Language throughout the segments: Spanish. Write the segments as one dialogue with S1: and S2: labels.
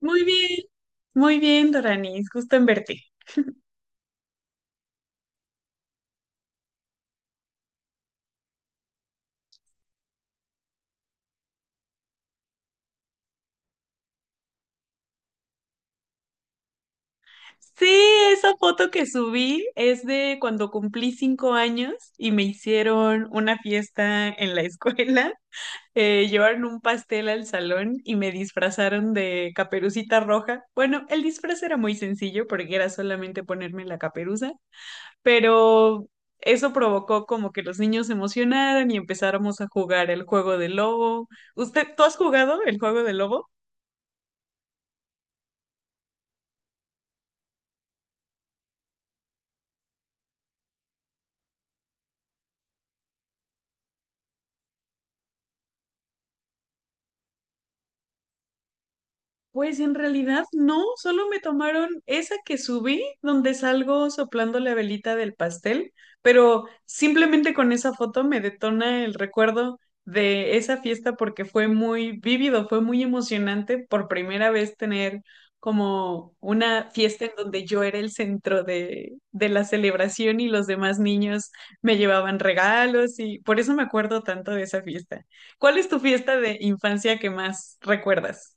S1: Muy bien, muy bien, Doranis, gusto en verte. Sí, esa foto que subí es de cuando cumplí 5 años y me hicieron una fiesta en la escuela. Llevaron un pastel al salón y me disfrazaron de caperucita roja. Bueno, el disfraz era muy sencillo porque era solamente ponerme la caperuza, pero eso provocó como que los niños se emocionaran y empezáramos a jugar el juego del lobo. ¿Usted, tú has jugado el juego del lobo? Pues en realidad no, solo me tomaron esa que subí, donde salgo soplando la velita del pastel, pero simplemente con esa foto me detona el recuerdo de esa fiesta porque fue muy vívido, fue muy emocionante por primera vez tener como una fiesta en donde yo era el centro de la celebración y los demás niños me llevaban regalos y por eso me acuerdo tanto de esa fiesta. ¿Cuál es tu fiesta de infancia que más recuerdas?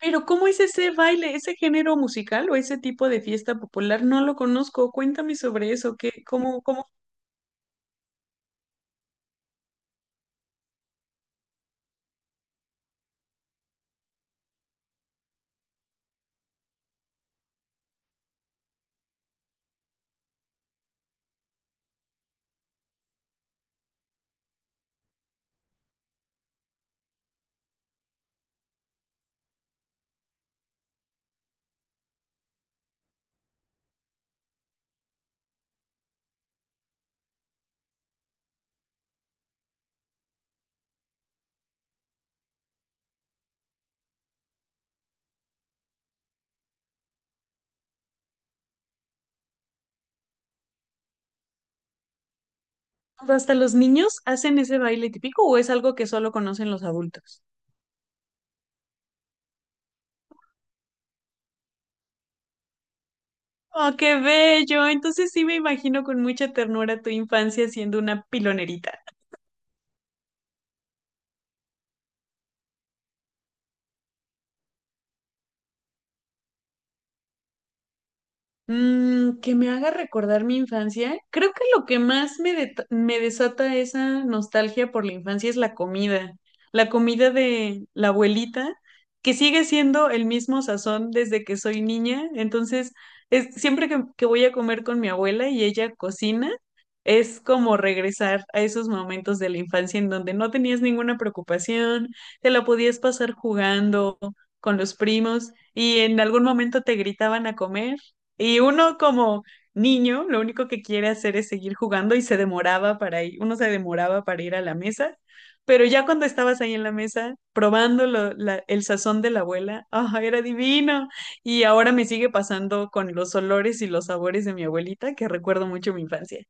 S1: Pero ¿cómo es ese baile, ese género musical o ese tipo de fiesta popular? No lo conozco. Cuéntame sobre eso. ¿Qué, cómo, cómo hasta los niños hacen ese baile típico o es algo que solo conocen los adultos? ¡Oh, qué bello! Entonces sí me imagino con mucha ternura tu infancia siendo una pilonerita. Mm, que me haga recordar mi infancia. Creo que lo que más me, me desata esa nostalgia por la infancia es la comida. La comida de la abuelita, que sigue siendo el mismo sazón desde que soy niña. Entonces, es, siempre que voy a comer con mi abuela y ella cocina, es como regresar a esos momentos de la infancia en donde no tenías ninguna preocupación, te la podías pasar jugando con los primos y en algún momento te gritaban a comer y uno como niño, lo único que quiere hacer es seguir jugando y se demoraba para ir, uno se demoraba para ir a la mesa, pero ya cuando estabas ahí en la mesa probando el sazón de la abuela, ¡ah, era divino! Y ahora me sigue pasando con los olores y los sabores de mi abuelita, que recuerdo mucho mi infancia.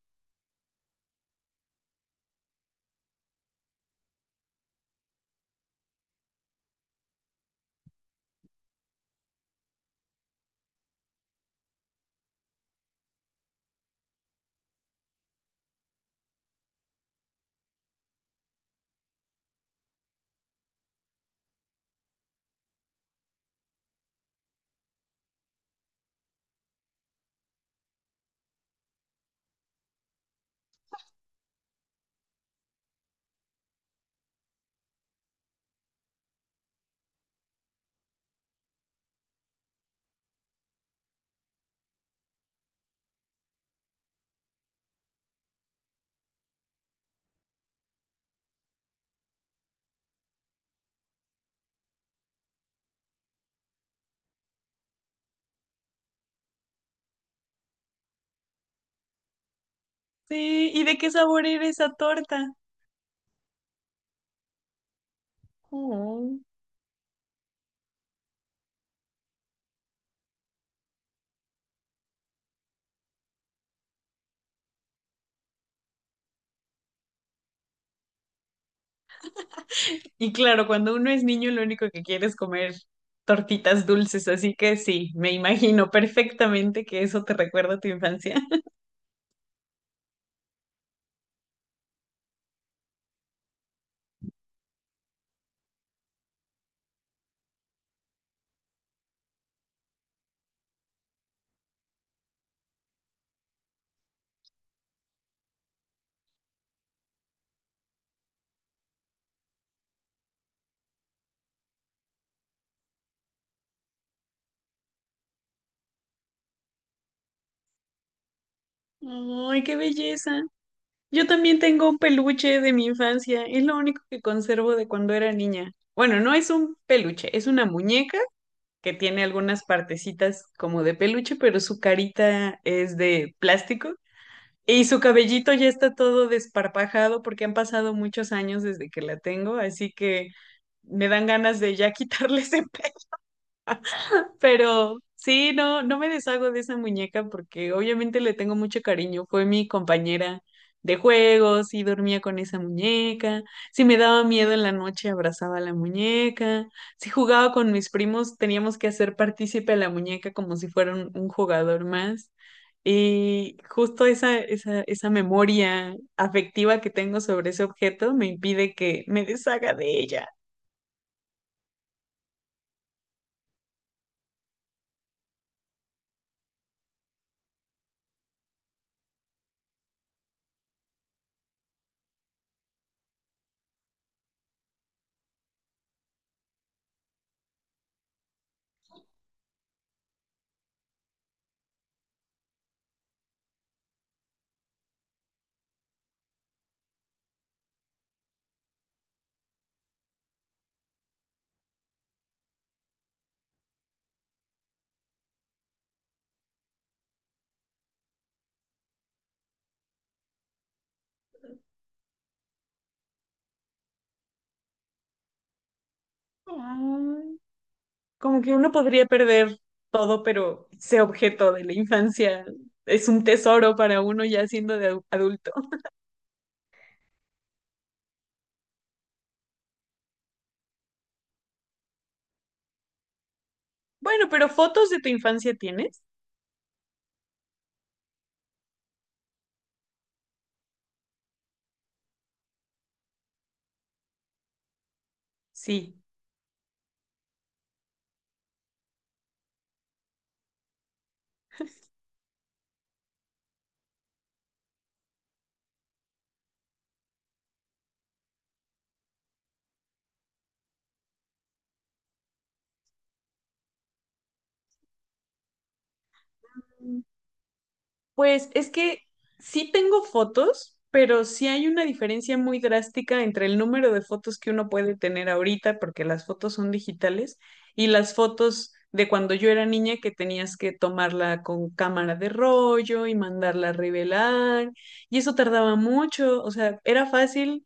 S1: Sí, ¿y de qué sabor era esa torta? Oh. Y claro, cuando uno es niño, lo único que quiere es comer tortitas dulces, así que sí, me imagino perfectamente que eso te recuerda a tu infancia. ¡Ay, qué belleza! Yo también tengo un peluche de mi infancia, es lo único que conservo de cuando era niña. Bueno, no es un peluche, es una muñeca que tiene algunas partecitas como de peluche, pero su carita es de plástico. Y su cabellito ya está todo desparpajado porque han pasado muchos años desde que la tengo, así que me dan ganas de ya quitarle ese, pero sí, no me deshago de esa muñeca porque obviamente le tengo mucho cariño. Fue mi compañera de juegos y dormía con esa muñeca. Si me daba miedo en la noche, abrazaba a la muñeca. Si jugaba con mis primos, teníamos que hacer partícipe a la muñeca como si fuera un jugador más. Y justo esa memoria afectiva que tengo sobre ese objeto me impide que me deshaga de ella. Ay. Como que uno podría perder todo, pero ese objeto de la infancia es un tesoro para uno ya siendo de adulto. Bueno, ¿pero fotos de tu infancia tienes? Sí. Pues es que sí tengo fotos, pero sí hay una diferencia muy drástica entre el número de fotos que uno puede tener ahorita, porque las fotos son digitales, y las fotos de cuando yo era niña, que tenías que tomarla con cámara de rollo y mandarla a revelar, y eso tardaba mucho, o sea, era fácil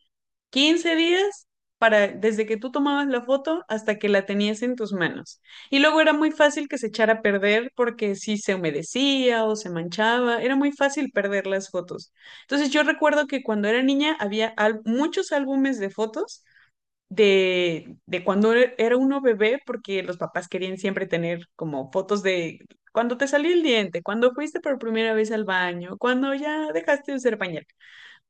S1: 15 días para desde que tú tomabas la foto hasta que la tenías en tus manos. Y luego era muy fácil que se echara a perder porque si se humedecía o se manchaba, era muy fácil perder las fotos. Entonces yo recuerdo que cuando era niña había muchos álbumes de fotos de cuando era uno bebé porque los papás querían siempre tener como fotos de cuando te salió el diente, cuando fuiste por primera vez al baño, cuando ya dejaste de usar pañal,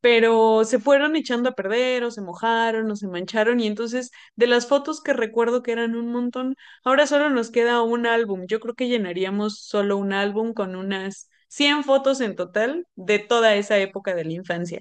S1: pero se fueron echando a perder o se mojaron o se mancharon y entonces de las fotos que recuerdo que eran un montón, ahora solo nos queda un álbum. Yo creo que llenaríamos solo un álbum con unas 100 fotos en total de toda esa época de la infancia.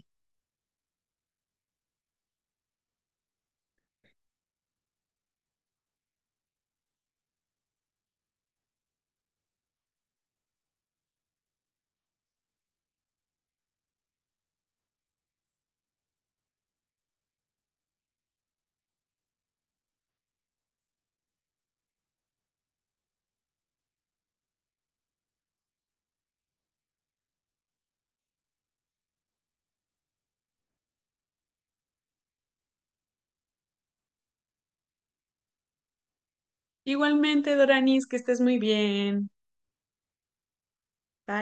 S1: Igualmente, Doranis, que estés muy bien. Bye.